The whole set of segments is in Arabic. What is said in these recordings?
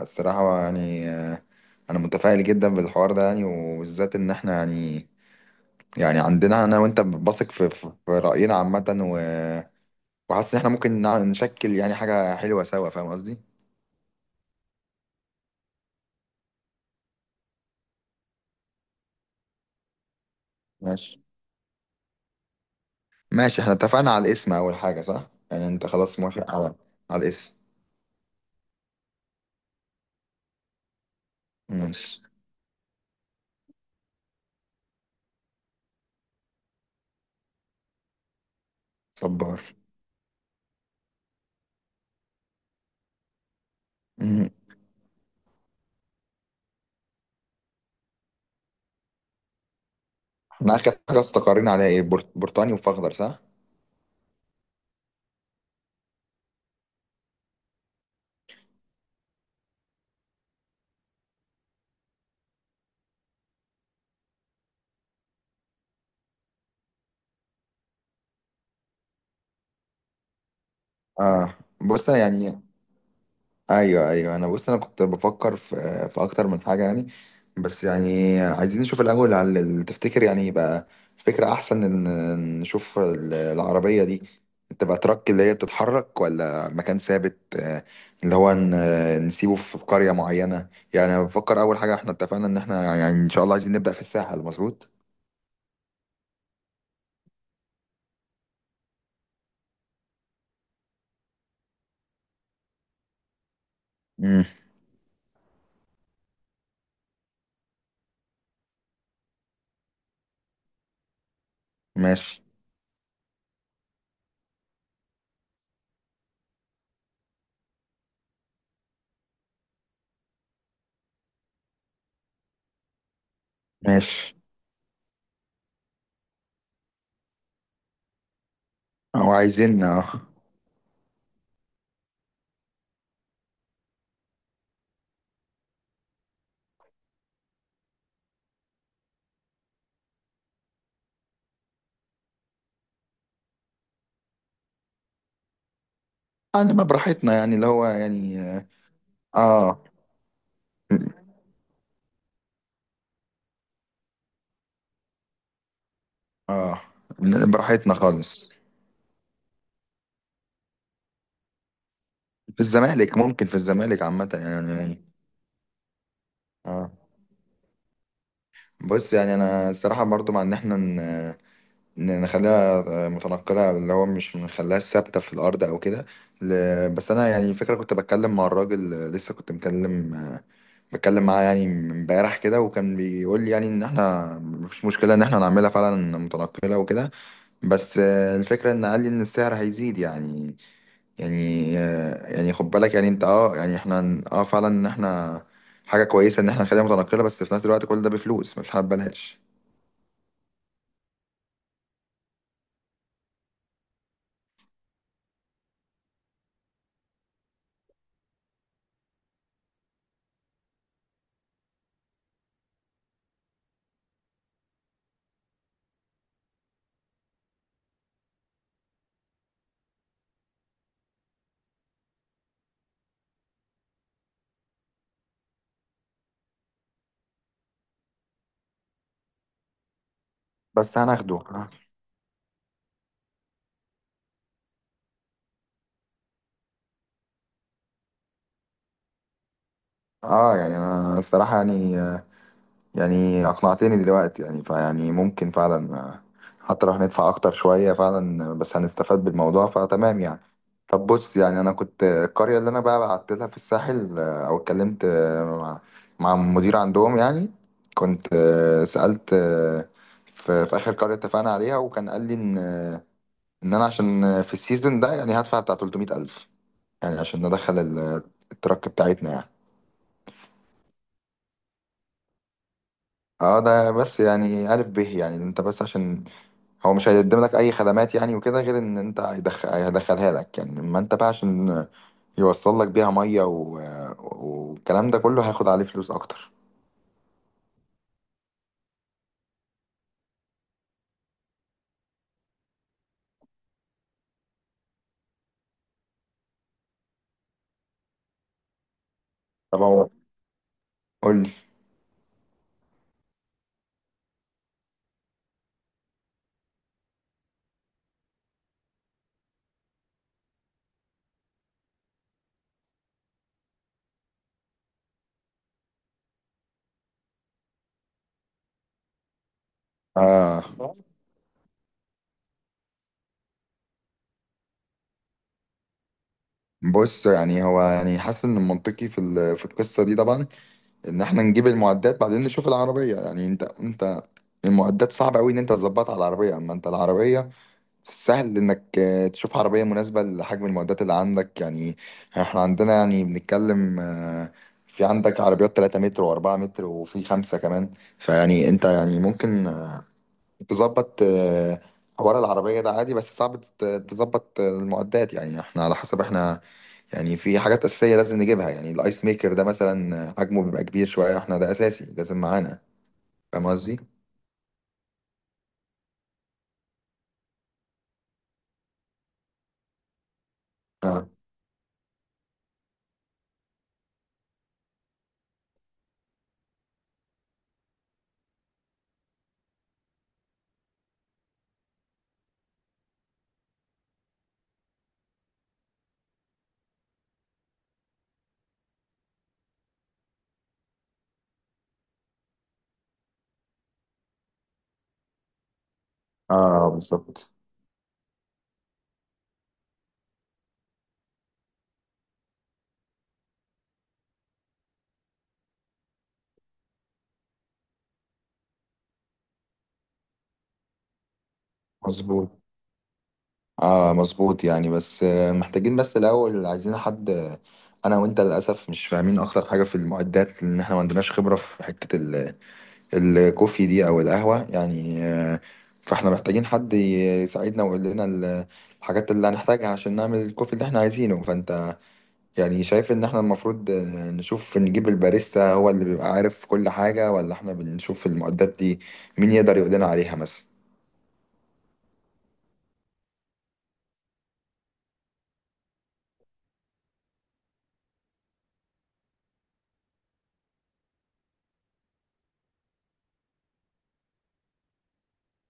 الصراحة يعني أنا متفائل جدا بالحوار ده يعني وبالذات إن إحنا يعني عندنا أنا وأنت بثق في في رأينا عامة وحاسس إن إحنا ممكن نشكل يعني حاجة حلوة سوا، فاهم قصدي؟ ماشي. ماشي. إحنا اتفقنا على الاسم أول حاجة، صح؟ يعني أنت خلاص موافق على على الاسم. ماشي. صبار. مم. إحنا آخر حاجة استقرينا عليها إيه؟ برتقاني وفخضر، صح؟ آه. بص يعني ايوه، ايوه انا انا كنت بفكر في في اكتر من حاجه يعني. بس يعني عايزين نشوف الاول على تفتكر يعني يبقى فكره احسن ان نشوف العربيه دي تبقى ترك اللي هي بتتحرك ولا مكان ثابت، اللي هو نسيبه في قريه معينه. يعني أنا بفكر اول حاجه احنا اتفقنا ان احنا يعني ان شاء الله عايزين نبدا في الساحل. مظبوط. امم ماشي. ماشي. او عايزين اه. نبقى براحتنا يعني اللي هو يعني. اه. اه، براحتنا خالص. في الزمالك، ممكن في الزمالك عامة يعني يعني-. اه. بص يعني انا الصراحة برضو مع ان احنا نخليها متنقلة اللي هو مش نخليهاش ثابتة في الارض او كده. بس انا يعني فكرة، كنت بتكلم مع الراجل لسه، كنت مكلم بتكلم معاه يعني امبارح كده، وكان بيقول لي يعني ان احنا مفيش مشكلة ان احنا نعملها فعلا متنقلة وكده. بس الفكرة ان قال لي ان السعر هيزيد يعني. يعني خد بالك يعني انت اه يعني احنا فعلا ان احنا حاجة كويسة ان احنا نخليها متنقلة، بس في نفس الوقت كل ده بفلوس، مش حابة بلاش. بس هناخده. اه يعني انا الصراحة يعني اقنعتني دلوقتي يعني. فيعني ممكن فعلا، حتى لو هندفع اكتر شوية فعلا، بس هنستفاد بالموضوع فتمام يعني. طب بص يعني انا كنت، القرية اللي انا بقى بعت لها في الساحل، او اتكلمت مع مع المدير عندهم يعني. كنت سألت في في اخر قرية اتفقنا عليها، وكان قال لي ان، ان انا عشان في السيزون ده يعني هدفع بتاع 300 الف يعني، عشان ندخل الترك بتاعتنا يعني. اه ده بس يعني ألف به يعني انت بس عشان هو مش هيقدم لك اي خدمات يعني وكده، غير ان انت هيدخل هيدخلها لك يعني. اما انت بقى عشان يوصل لك بيها ميه و... والكلام ده كله هياخد عليه فلوس اكتر. طب هو قول لي. آه بص يعني هو يعني حاسس ان المنطقي في ال... في القصه دي طبعا ان احنا نجيب المعدات بعدين نشوف العربيه يعني. انت انت المعدات صعب قوي ان انت تظبطها على العربيه، اما انت العربيه سهل انك تشوف عربية مناسبة لحجم المعدات اللي عندك يعني. احنا عندنا يعني بنتكلم، في عندك عربيات 3 متر و4 متر وفي خمسة كمان. فيعني انت يعني ممكن تظبط حوار العربية ده عادي، بس صعب تظبط المعدات يعني احنا على حسب احنا. يعني في حاجات أساسية لازم نجيبها يعني الايس ميكر ده مثلا، حجمه بيبقى كبير شوية، احنا ده أساسي لازم معانا. فاهم قصدي؟ اه. اه بالظبط. مظبوط. اه مظبوط يعني. بس محتاجين بس الاول عايزين حد، انا وانت للاسف مش فاهمين اكتر حاجه في المعدات، لان احنا ما عندناش خبره في حته الكوفي دي او القهوه يعني، فاحنا محتاجين حد يساعدنا ويقول لنا الحاجات اللي هنحتاجها عشان نعمل الكوفي اللي احنا عايزينه. فانت يعني شايف ان احنا المفروض نشوف نجيب الباريستا هو اللي بيبقى عارف كل حاجه، ولا احنا بنشوف المعدات دي مين يقدر يقول لنا عليها مثلا.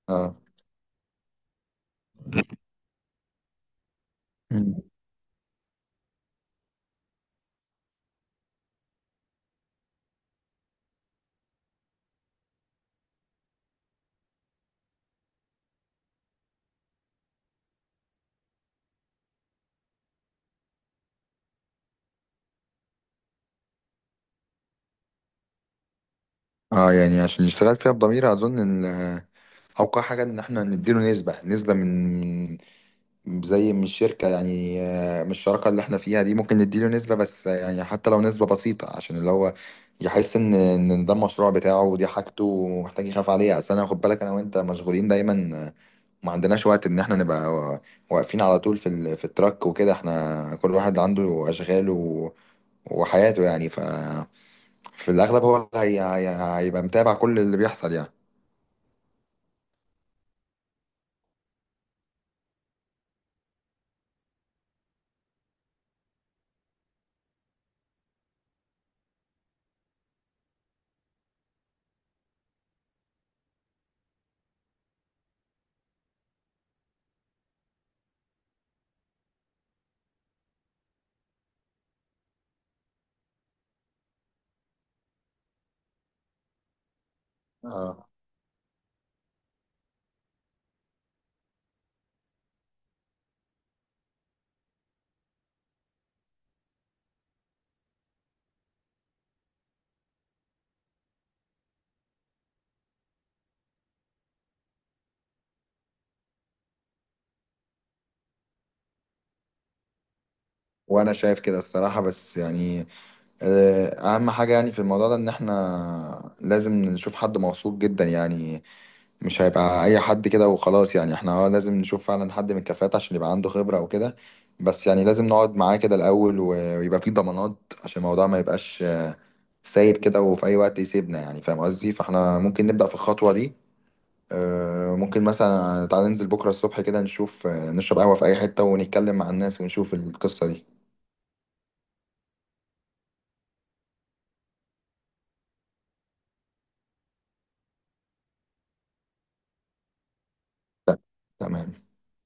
اه. مم. اه يعني عشان اشتغلت فيها بضميري اظن اوقع حاجه ان احنا نديله نسبه، نسبه من، زي من الشركه يعني، من الشراكه اللي احنا فيها دي ممكن نديله نسبه، بس يعني حتى لو نسبه بسيطه عشان اللي هو يحس ان ان ده المشروع بتاعه ودي حاجته ومحتاج يخاف عليها. اصل انا، خد بالك، انا وانت مشغولين دايما، ما عندناش وقت ان احنا نبقى واقفين على طول في في التراك وكده. احنا كل واحد عنده اشغاله وحياته يعني. ف في الاغلب هو اللي هيبقى متابع كل اللي بيحصل يعني. وانا شايف كده الصراحة، بس يعني اهم حاجة يعني في الموضوع ده ان احنا لازم نشوف حد موثوق جدا يعني. مش هيبقى اي حد كده وخلاص يعني، احنا اه لازم نشوف فعلا حد من الكفاءات عشان يبقى عنده خبرة وكده. بس يعني لازم نقعد معاه كده الاول ويبقى فيه ضمانات عشان الموضوع ما يبقاش سايب كده وفي اي وقت يسيبنا يعني، فاهم قصدي. فاحنا ممكن نبدأ في الخطوة دي، ممكن مثلا تعالى ننزل بكرة الصبح كده نشوف، نشرب قهوة في اي حتة ونتكلم مع الناس ونشوف القصة دي. تمام.